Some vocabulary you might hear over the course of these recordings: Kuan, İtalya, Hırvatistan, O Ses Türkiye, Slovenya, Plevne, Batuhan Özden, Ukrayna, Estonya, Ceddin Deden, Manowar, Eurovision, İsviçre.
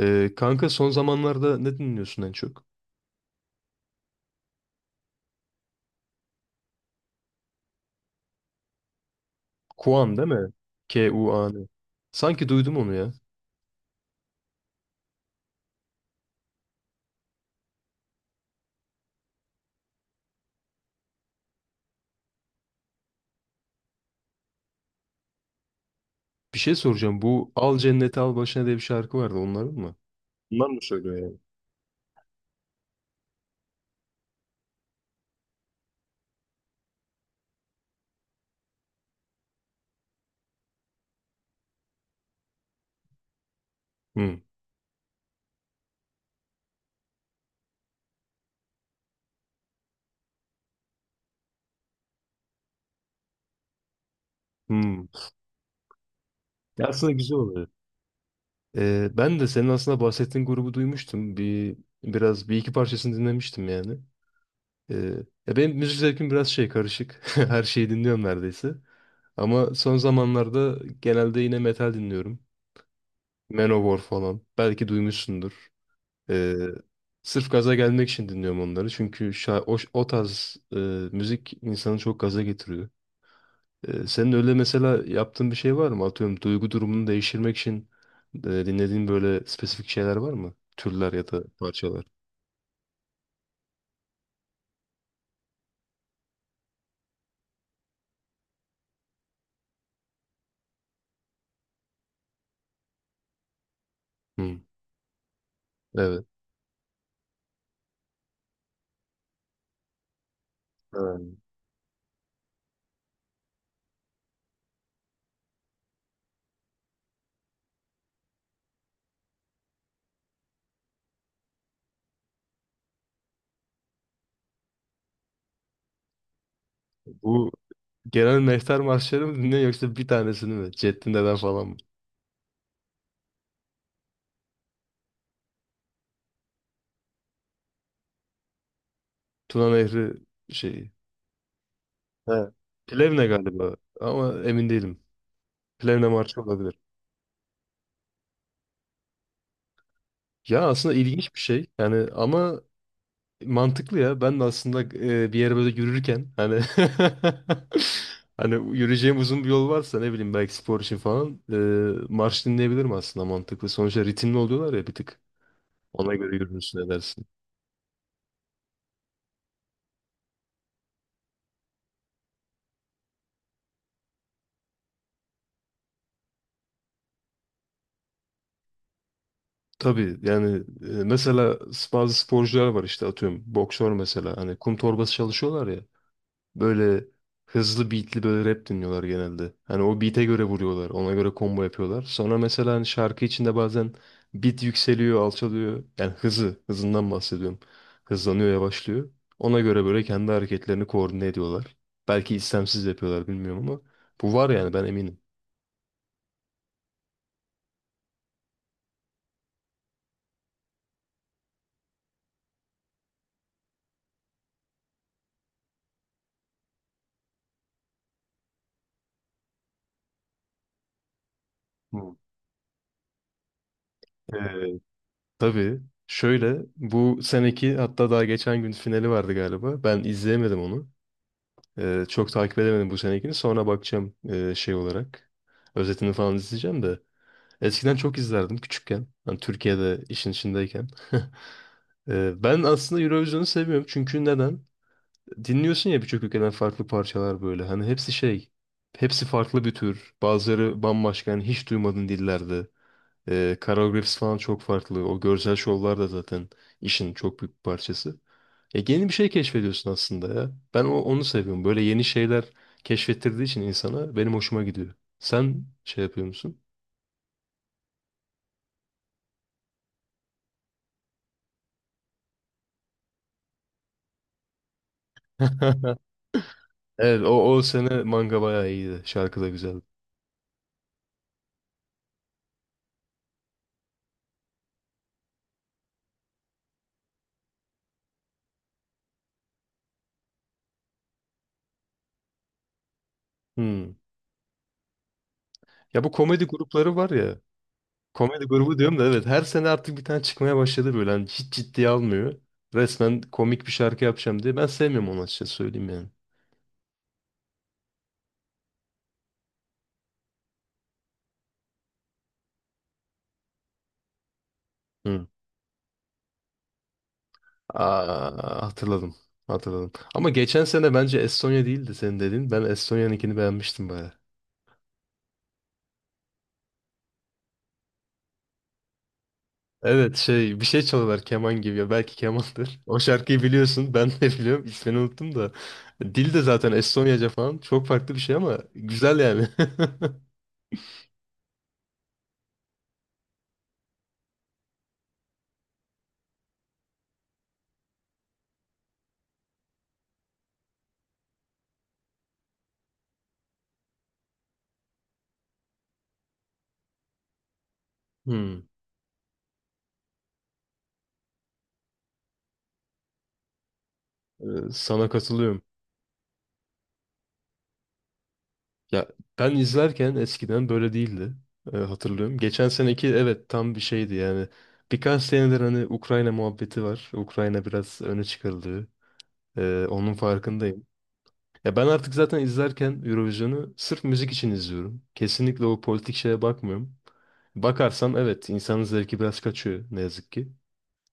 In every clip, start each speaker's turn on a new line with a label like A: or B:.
A: Kanka son zamanlarda ne dinliyorsun en çok? Kuan değil mi? Kuan. Sanki duydum onu ya. Bir şey soracağım. Bu Al Cenneti Al Başına diye bir şarkı vardı. Onların mı? Bunlar mı söylüyor yani? Hmm. Hmm. Ya aslında güzel oluyor. Ben de senin aslında bahsettiğin grubu duymuştum. Biraz bir iki parçasını dinlemiştim yani. Ee, Ya benim müzik zevkim biraz şey karışık. Her şeyi dinliyorum neredeyse. Ama son zamanlarda genelde yine metal dinliyorum. Manowar falan. Belki duymuşsundur. Ee, Sırf gaza gelmek için dinliyorum onları. Çünkü o tarz müzik insanı çok gaza getiriyor. Senin öyle mesela yaptığın bir şey var mı? Atıyorum duygu durumunu değiştirmek için dinlediğin böyle spesifik şeyler var mı? Türler ya da parçalar. Hı, evet. Ha. Bu genel mehter marşları mı dinliyorsun yoksa bir tanesini mi? Ceddin Deden falan mı? Tuna Nehri şeyi. He. Plevne galiba, ama emin değilim. Plevne marşı olabilir. Ya aslında ilginç bir şey. Yani ama mantıklı ya. Ben de aslında bir yere böyle yürürken hani hani yürüyeceğim uzun bir yol varsa ne bileyim belki spor için falan marş dinleyebilirim, aslında mantıklı. Sonuçta ritimli oluyorlar ya bir tık. Ona göre yürürsün, edersin. Tabii yani mesela bazı sporcular var, işte atıyorum boksör mesela, hani kum torbası çalışıyorlar ya. Böyle hızlı beatli böyle rap dinliyorlar genelde. Hani o beat'e göre vuruyorlar. Ona göre combo yapıyorlar. Sonra mesela hani şarkı içinde bazen beat yükseliyor, alçalıyor. Yani hızı, hızından bahsediyorum. Hızlanıyor, yavaşlıyor. Ona göre böyle kendi hareketlerini koordine ediyorlar. Belki istemsiz yapıyorlar, bilmiyorum, ama bu var yani, ben eminim. Hı. Ee, tabii, şöyle, bu seneki hatta daha geçen gün finali vardı galiba. Ben izleyemedim onu. Çok takip edemedim bu senekini. Sonra bakacağım şey olarak. Özetini falan izleyeceğim de. Eskiden çok izlerdim küçükken. Hani Türkiye'de işin içindeyken. Ben aslında Eurovision'u seviyorum. Çünkü neden? Dinliyorsun ya birçok ülkeden farklı parçalar böyle. Hani hepsi şey. Hepsi farklı bir tür. Bazıları bambaşka. Yani hiç duymadığın dillerde. Koreografisi falan çok farklı. O görsel şovlar da zaten işin çok büyük bir parçası. Yeni bir şey keşfediyorsun aslında ya. Ben onu seviyorum. Böyle yeni şeyler keşfettirdiği için insana benim hoşuma gidiyor. Sen şey yapıyor musun? Evet o sene manga bayağı iyiydi. Şarkı da güzeldi. Hmm. Ya bu komedi grupları var ya. Komedi grubu diyorum da, evet her sene artık bir tane çıkmaya başladı böyle. Hani hiç ciddiye almıyor. Resmen komik bir şarkı yapacağım diye. Ben sevmiyorum onu, açıkçası söyleyeyim yani. Hmm. Aa, hatırladım. Hatırladım. Ama geçen sene bence Estonya değildi senin dediğin. Ben Estonya'nınkini beğenmiştim baya. Evet, şey, bir şey çalıyorlar, keman gibi ya, belki kemandır. O şarkıyı biliyorsun, ben de biliyorum, ismini unuttum da. Dil de zaten Estonyaca falan, çok farklı bir şey ama güzel yani. Hmm, Sana katılıyorum. Ya ben izlerken eskiden böyle değildi. Hatırlıyorum. Geçen seneki evet, tam bir şeydi yani. Birkaç senedir hani Ukrayna muhabbeti var. Ukrayna biraz öne çıkarıldı. Onun farkındayım. Ya ben artık zaten izlerken Eurovision'u sırf müzik için izliyorum. Kesinlikle o politik şeye bakmıyorum. Bakarsam evet, insanın zevki biraz kaçıyor ne yazık ki.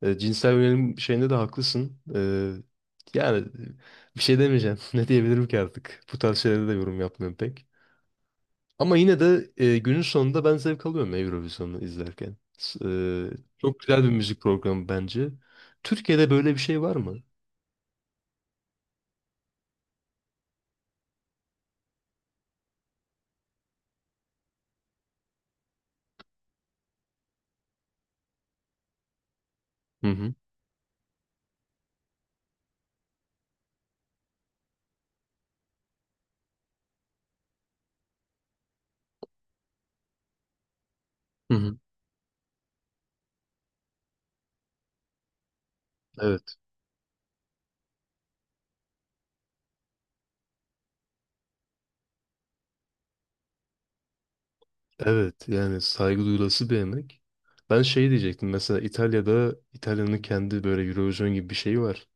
A: Cinsel yönelim şeyinde de haklısın. Yani bir şey demeyeceğim. Ne diyebilirim ki artık? Bu tarz şeylere de yorum yapmıyorum pek. Ama yine de günün sonunda ben zevk alıyorum ya Eurovision'u izlerken. Çok güzel bir müzik programı bence. Türkiye'de böyle bir şey var mı? Hı hı. Hı hı. Evet. Evet, yani saygı duyulası bir yemek. Ben şey diyecektim, mesela İtalya'da, İtalya'nın kendi böyle Eurovision gibi bir şeyi var.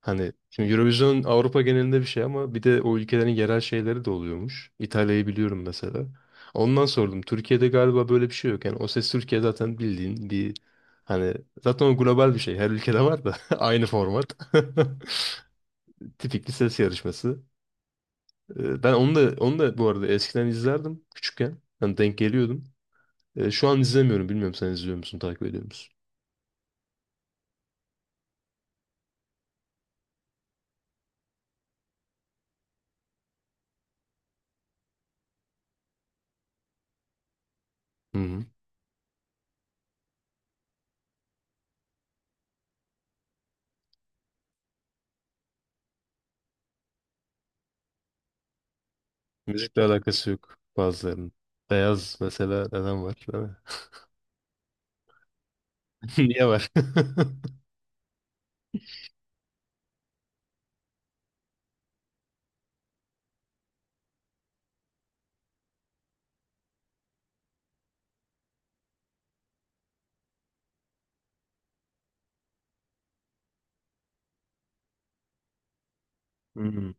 A: Hani şimdi Eurovision Avrupa genelinde bir şey ama bir de o ülkelerin yerel şeyleri de oluyormuş. İtalya'yı biliyorum mesela. Ondan sordum. Türkiye'de galiba böyle bir şey yok. Yani O Ses Türkiye zaten bildiğin bir, hani, zaten o global bir şey. Her ülkede var da aynı format. Tipik bir ses yarışması. Ben onu da onu da bu arada eskiden izlerdim küçükken. Hani denk geliyordum. Şu an izlemiyorum. Bilmiyorum, sen izliyor musun, takip ediyor musun? Hı hı. Müzikle alakası yok bazılarının. Beyaz mesela neden var, değil mi? Niye var? Hmm,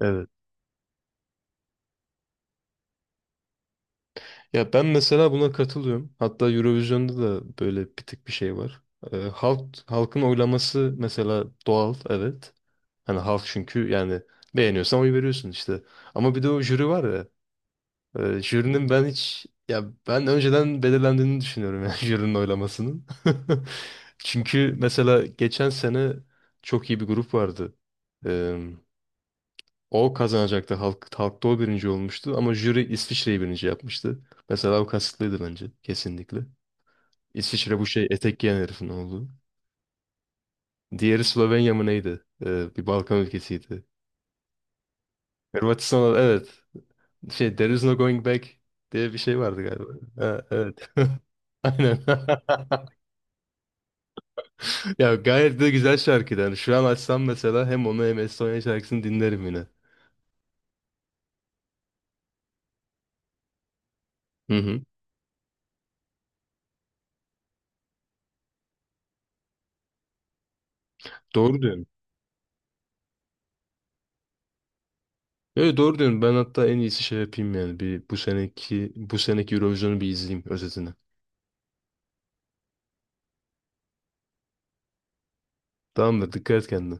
A: evet. Ya ben mesela buna katılıyorum. Hatta Eurovision'da da böyle bir tık bir şey var. Halk, halkın oylaması mesela doğal, evet. Hani halk çünkü yani beğeniyorsan oy veriyorsun işte. Ama bir de o jüri var ya. Jürinin ben hiç, ya ben önceden belirlendiğini düşünüyorum yani jürinin oylamasının. Çünkü mesela geçen sene çok iyi bir grup vardı. Ee, O kazanacaktı. Halk, halkta o birinci olmuştu ama jüri İsviçre'yi birinci yapmıştı. Mesela o kasıtlıydı bence, kesinlikle. İsviçre bu şey, etek giyen herifin oğlu. Diğeri Slovenya mı neydi? Bir Balkan ülkesiydi. Hırvatistan, evet. Şey, There is no going back diye bir şey vardı galiba. Ha, evet. Aynen. Ya gayet de güzel şarkıydı. Yani şu an açsam mesela, hem onu hem Estonya şarkısını dinlerim yine. Hı hı. Doğru diyorsun. Evet, doğru diyorsun. Ben hatta en iyisi şey yapayım yani. Bir bu seneki Eurovision'u bir izleyeyim, özetini. Tamamdır. Dikkat et kendine.